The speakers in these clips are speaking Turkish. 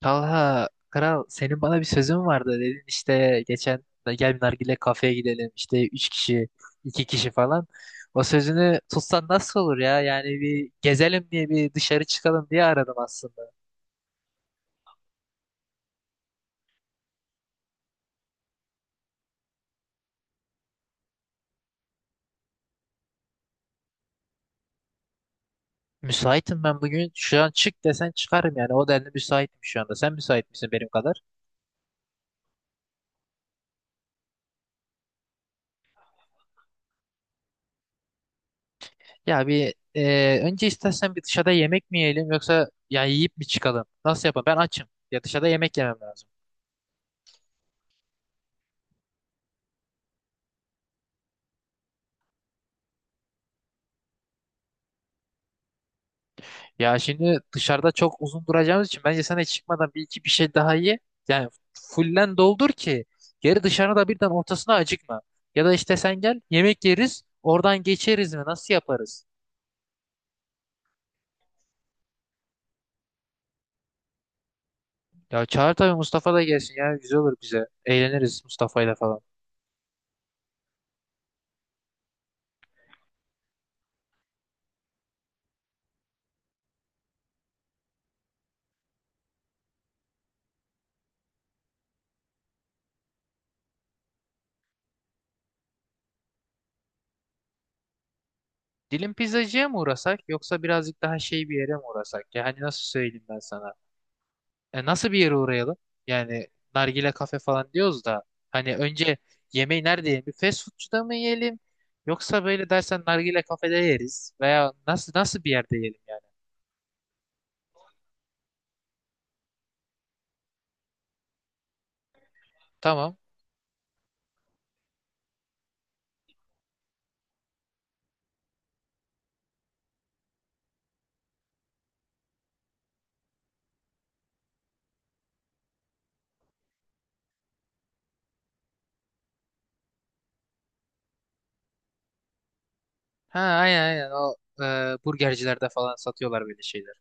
Talha, kral senin bana bir sözün vardı dedin işte geçen de gel bir nargile kafeye gidelim işte üç kişi iki kişi falan. O sözünü tutsan nasıl olur ya yani bir gezelim diye bir dışarı çıkalım diye aradım aslında. Müsaitim ben bugün şu an çık desen çıkarım yani o denli müsaitim şu anda sen müsait misin benim kadar? Ya bir önce istersen bir dışarıda yemek mi yiyelim yoksa ya yiyip mi çıkalım nasıl yapalım ben açım ya dışarıda yemek yemem lazım. Ya şimdi dışarıda çok uzun duracağımız için bence sen hiç çıkmadan bir iki bir şey daha ye. Yani fullen doldur ki geri dışarıda birden ortasına acıkma. Ya da işte sen gel yemek yeriz oradan geçeriz mi nasıl yaparız? Ya çağır tabii Mustafa da gelsin ya güzel olur bize. Eğleniriz Mustafa'yla falan. Dilim pizzacıya mı uğrasak yoksa birazcık daha şey bir yere mi uğrasak? Yani nasıl söyleyeyim ben sana? Nasıl bir yere uğrayalım? Yani nargile kafe falan diyoruz da hani önce yemeği nerede yiyelim? Bir fast foodçuda mı yiyelim? Yoksa böyle dersen nargile kafede yeriz veya nasıl bir yerde yiyelim yani? Tamam. Ha, aynen aynen o burgercilerde falan satıyorlar böyle şeyler.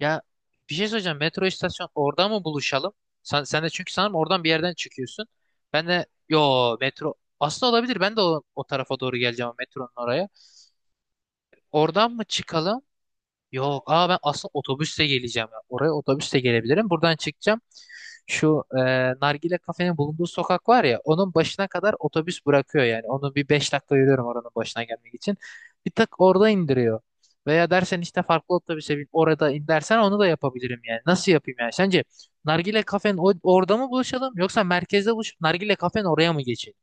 Ya bir şey söyleyeceğim. Metro istasyon orada mı buluşalım? Sen de çünkü sanırım oradan bir yerden çıkıyorsun. Ben de yo metro aslında olabilir. Ben de o tarafa doğru geleceğim metronun oraya. Oradan mı çıkalım? Yok. Aa, ben aslında otobüsle geleceğim. Ya. Oraya otobüsle gelebilirim. Buradan çıkacağım. Şu nargile kafenin bulunduğu sokak var ya. Onun başına kadar otobüs bırakıyor yani. Onu bir 5 dakika yürüyorum oranın başına gelmek için. Bir tık orada indiriyor. Veya dersen işte farklı otobüse bin orada in dersen onu da yapabilirim yani. Nasıl yapayım yani? Sence nargile kafenin orada mı buluşalım yoksa merkezde buluşup nargile kafenin oraya mı geçelim?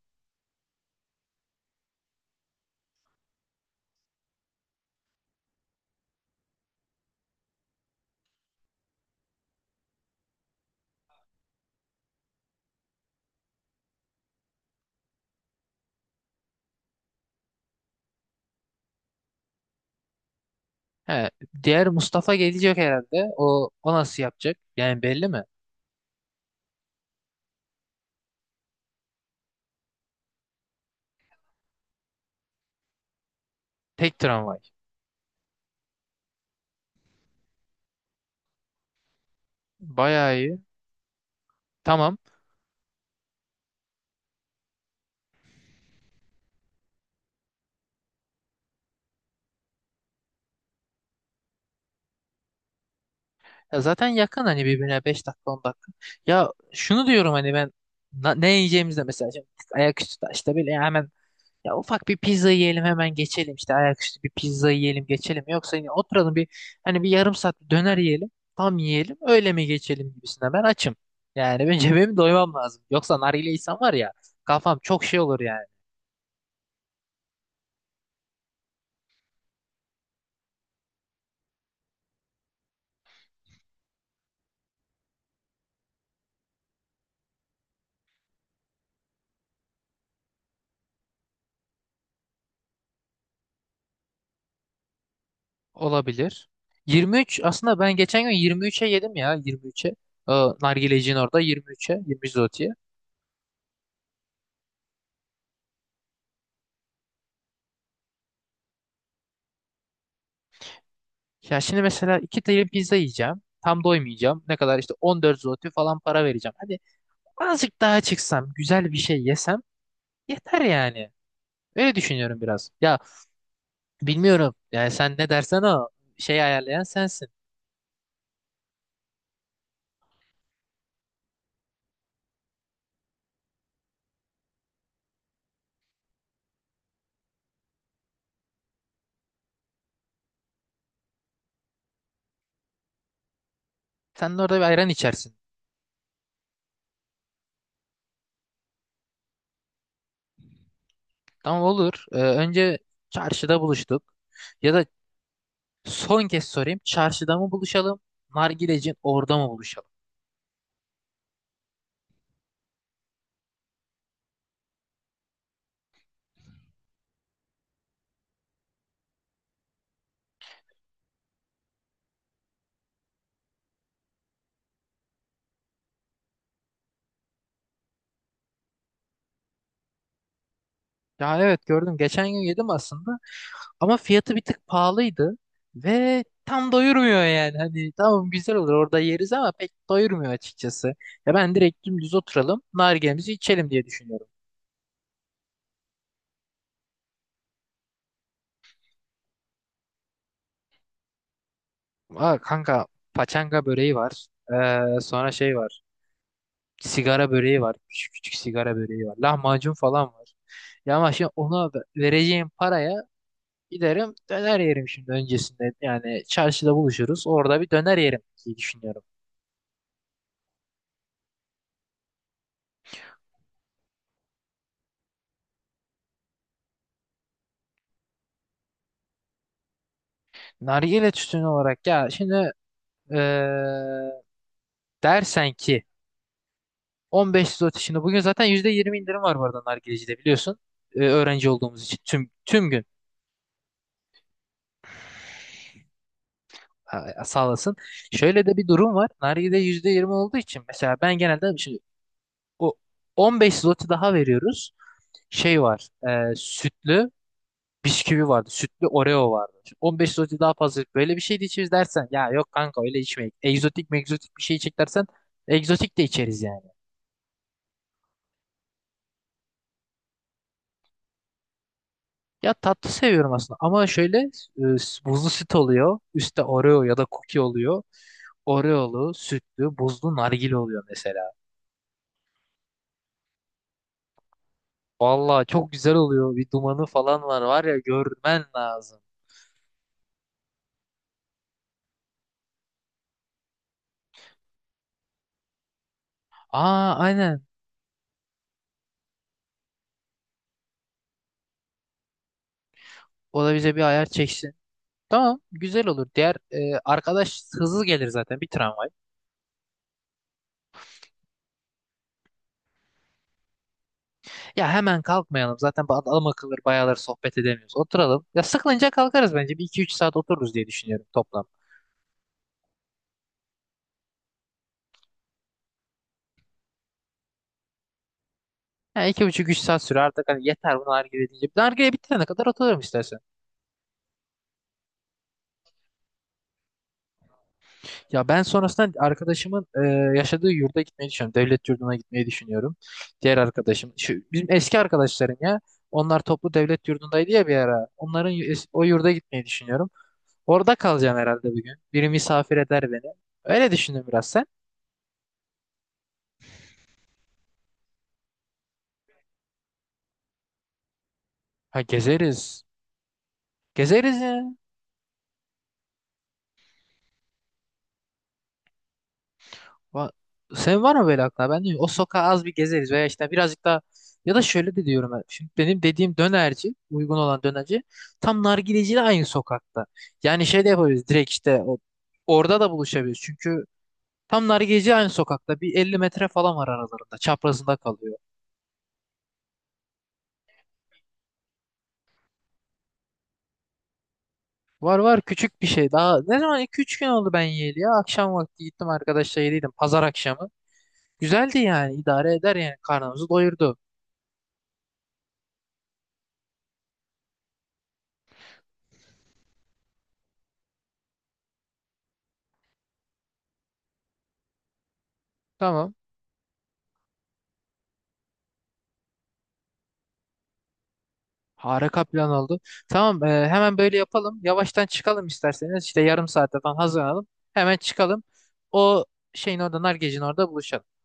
He, diğer Mustafa gelecek herhalde. O nasıl yapacak? Yani belli mi? Tek tramvay. Bayağı iyi. Tamam. Ya zaten yakın hani birbirine 5 dakika 10 dakika. Ya şunu diyorum hani ben ne yiyeceğimizde mesela şimdi ayaküstü da işte böyle hemen ya ufak bir pizza yiyelim hemen geçelim işte ayaküstü bir pizza yiyelim geçelim. Yoksa yine oturalım bir hani bir yarım saat bir döner yiyelim tam yiyelim öyle mi geçelim gibisinden ben açım. Yani ben benim doymam lazım. Yoksa nargile insan var ya kafam çok şey olur yani. Olabilir. 23 aslında ben geçen gün 23'e yedim ya 23'e. Ee, Nargileci'nin orada 23'e 23 zloty. Ya şimdi mesela iki tane pizza yiyeceğim. Tam doymayacağım. Ne kadar işte 14 zloty falan para vereceğim. Hadi azıcık daha çıksam, güzel bir şey yesem yeter yani. Öyle düşünüyorum biraz. Ya bilmiyorum. Yani sen ne dersen o şeyi ayarlayan sensin. Sen de orada bir ayran içersin. Tamam olur. Önce çarşıda buluştuk. Ya da son kez sorayım. Çarşıda mı buluşalım? Nargilecin orada mı buluşalım? Ya evet, gördüm. Geçen gün yedim aslında. Ama fiyatı bir tık pahalıydı ve tam doyurmuyor yani. Hani tamam güzel olur orada yeriz ama pek doyurmuyor açıkçası. Ya ben direkt dümdüz oturalım, nargilemizi içelim diye düşünüyorum. Aa, kanka, paçanga böreği var. Sonra şey var. Sigara böreği var. Küçük küçük sigara böreği var. Lahmacun falan var. Ya ama şimdi ona vereceğim paraya giderim döner yerim şimdi öncesinde. Yani çarşıda buluşuruz. Orada bir döner yerim diye düşünüyorum. Nargile tütünü olarak ya şimdi eee, dersen ki 15 zloty şimdi bugün zaten %20 indirim var bu arada nargilecide biliyorsun. Öğrenci olduğumuz için tüm gün ha, sağ olasın. Şöyle de bir durum var. Nargile %20 olduğu için mesela ben genelde şimdi o 15 zloty daha veriyoruz. Şey var. Sütlü bisküvi vardı. Sütlü Oreo vardı. Şimdi 15 zloty daha fazla böyle bir şey de içeriz dersen ya yok kanka öyle içmeyin. Egzotik megzotik bir şey içecek dersen egzotik de içeriz yani. Ya tatlı seviyorum aslında ama şöyle buzlu süt oluyor. Üstte Oreo ya da cookie oluyor. Oreo'lu, sütlü, buzlu nargile oluyor mesela. Vallahi çok güzel oluyor. Bir dumanı falan var ya görmen lazım. Aa, aynen. O da bize bir ayar çeksin. Tamam güzel olur. Diğer arkadaş hızlı gelir zaten bir tramvay. Ya hemen kalkmayalım. Zaten adam akıllı bayağıları sohbet edemiyoruz. Oturalım. Ya sıkılınca kalkarız bence. 1-2-3 saat otururuz diye düşünüyorum toplam. Yani 2,5-3 saat sürer artık hani yeter bu nargile deyince. Nargile bitirene kadar otururum istersen. Ya ben sonrasında arkadaşımın yaşadığı yurda gitmeyi düşünüyorum. Devlet yurduna gitmeyi düşünüyorum. Diğer arkadaşım. Şu, bizim eski arkadaşlarım ya. Onlar toplu devlet yurdundaydı ya bir ara. Onların o yurda gitmeyi düşünüyorum. Orada kalacağım herhalde bugün. Biri misafir eder beni. Öyle düşündüm biraz sen. Ha, gezeriz. Gezeriz ya. Va- Senin var mı böyle aklına? Ben diyorum o sokağa az bir gezeriz veya işte birazcık daha ya da şöyle de diyorum ben. Şimdi benim dediğim dönerci, uygun olan dönerci tam nargileciyle aynı sokakta. Yani şey de yapabiliriz direkt işte orada da buluşabiliriz. Çünkü tam nargileci aynı sokakta. Bir 50 metre falan var aralarında. Çaprazında kalıyor. Var var küçük bir şey. Daha ne zaman 2-3 gün oldu ben yiyeli ya. Akşam vakti gittim arkadaşla yediydim. Pazar akşamı. Güzeldi yani idare eder yani karnımızı doyurdu. Tamam. Harika plan oldu. Tamam, hemen böyle yapalım. Yavaştan çıkalım isterseniz. İşte yarım saate falan hazırlanalım. Hemen çıkalım. O şeyin orada, Nargec'in orada buluşalım.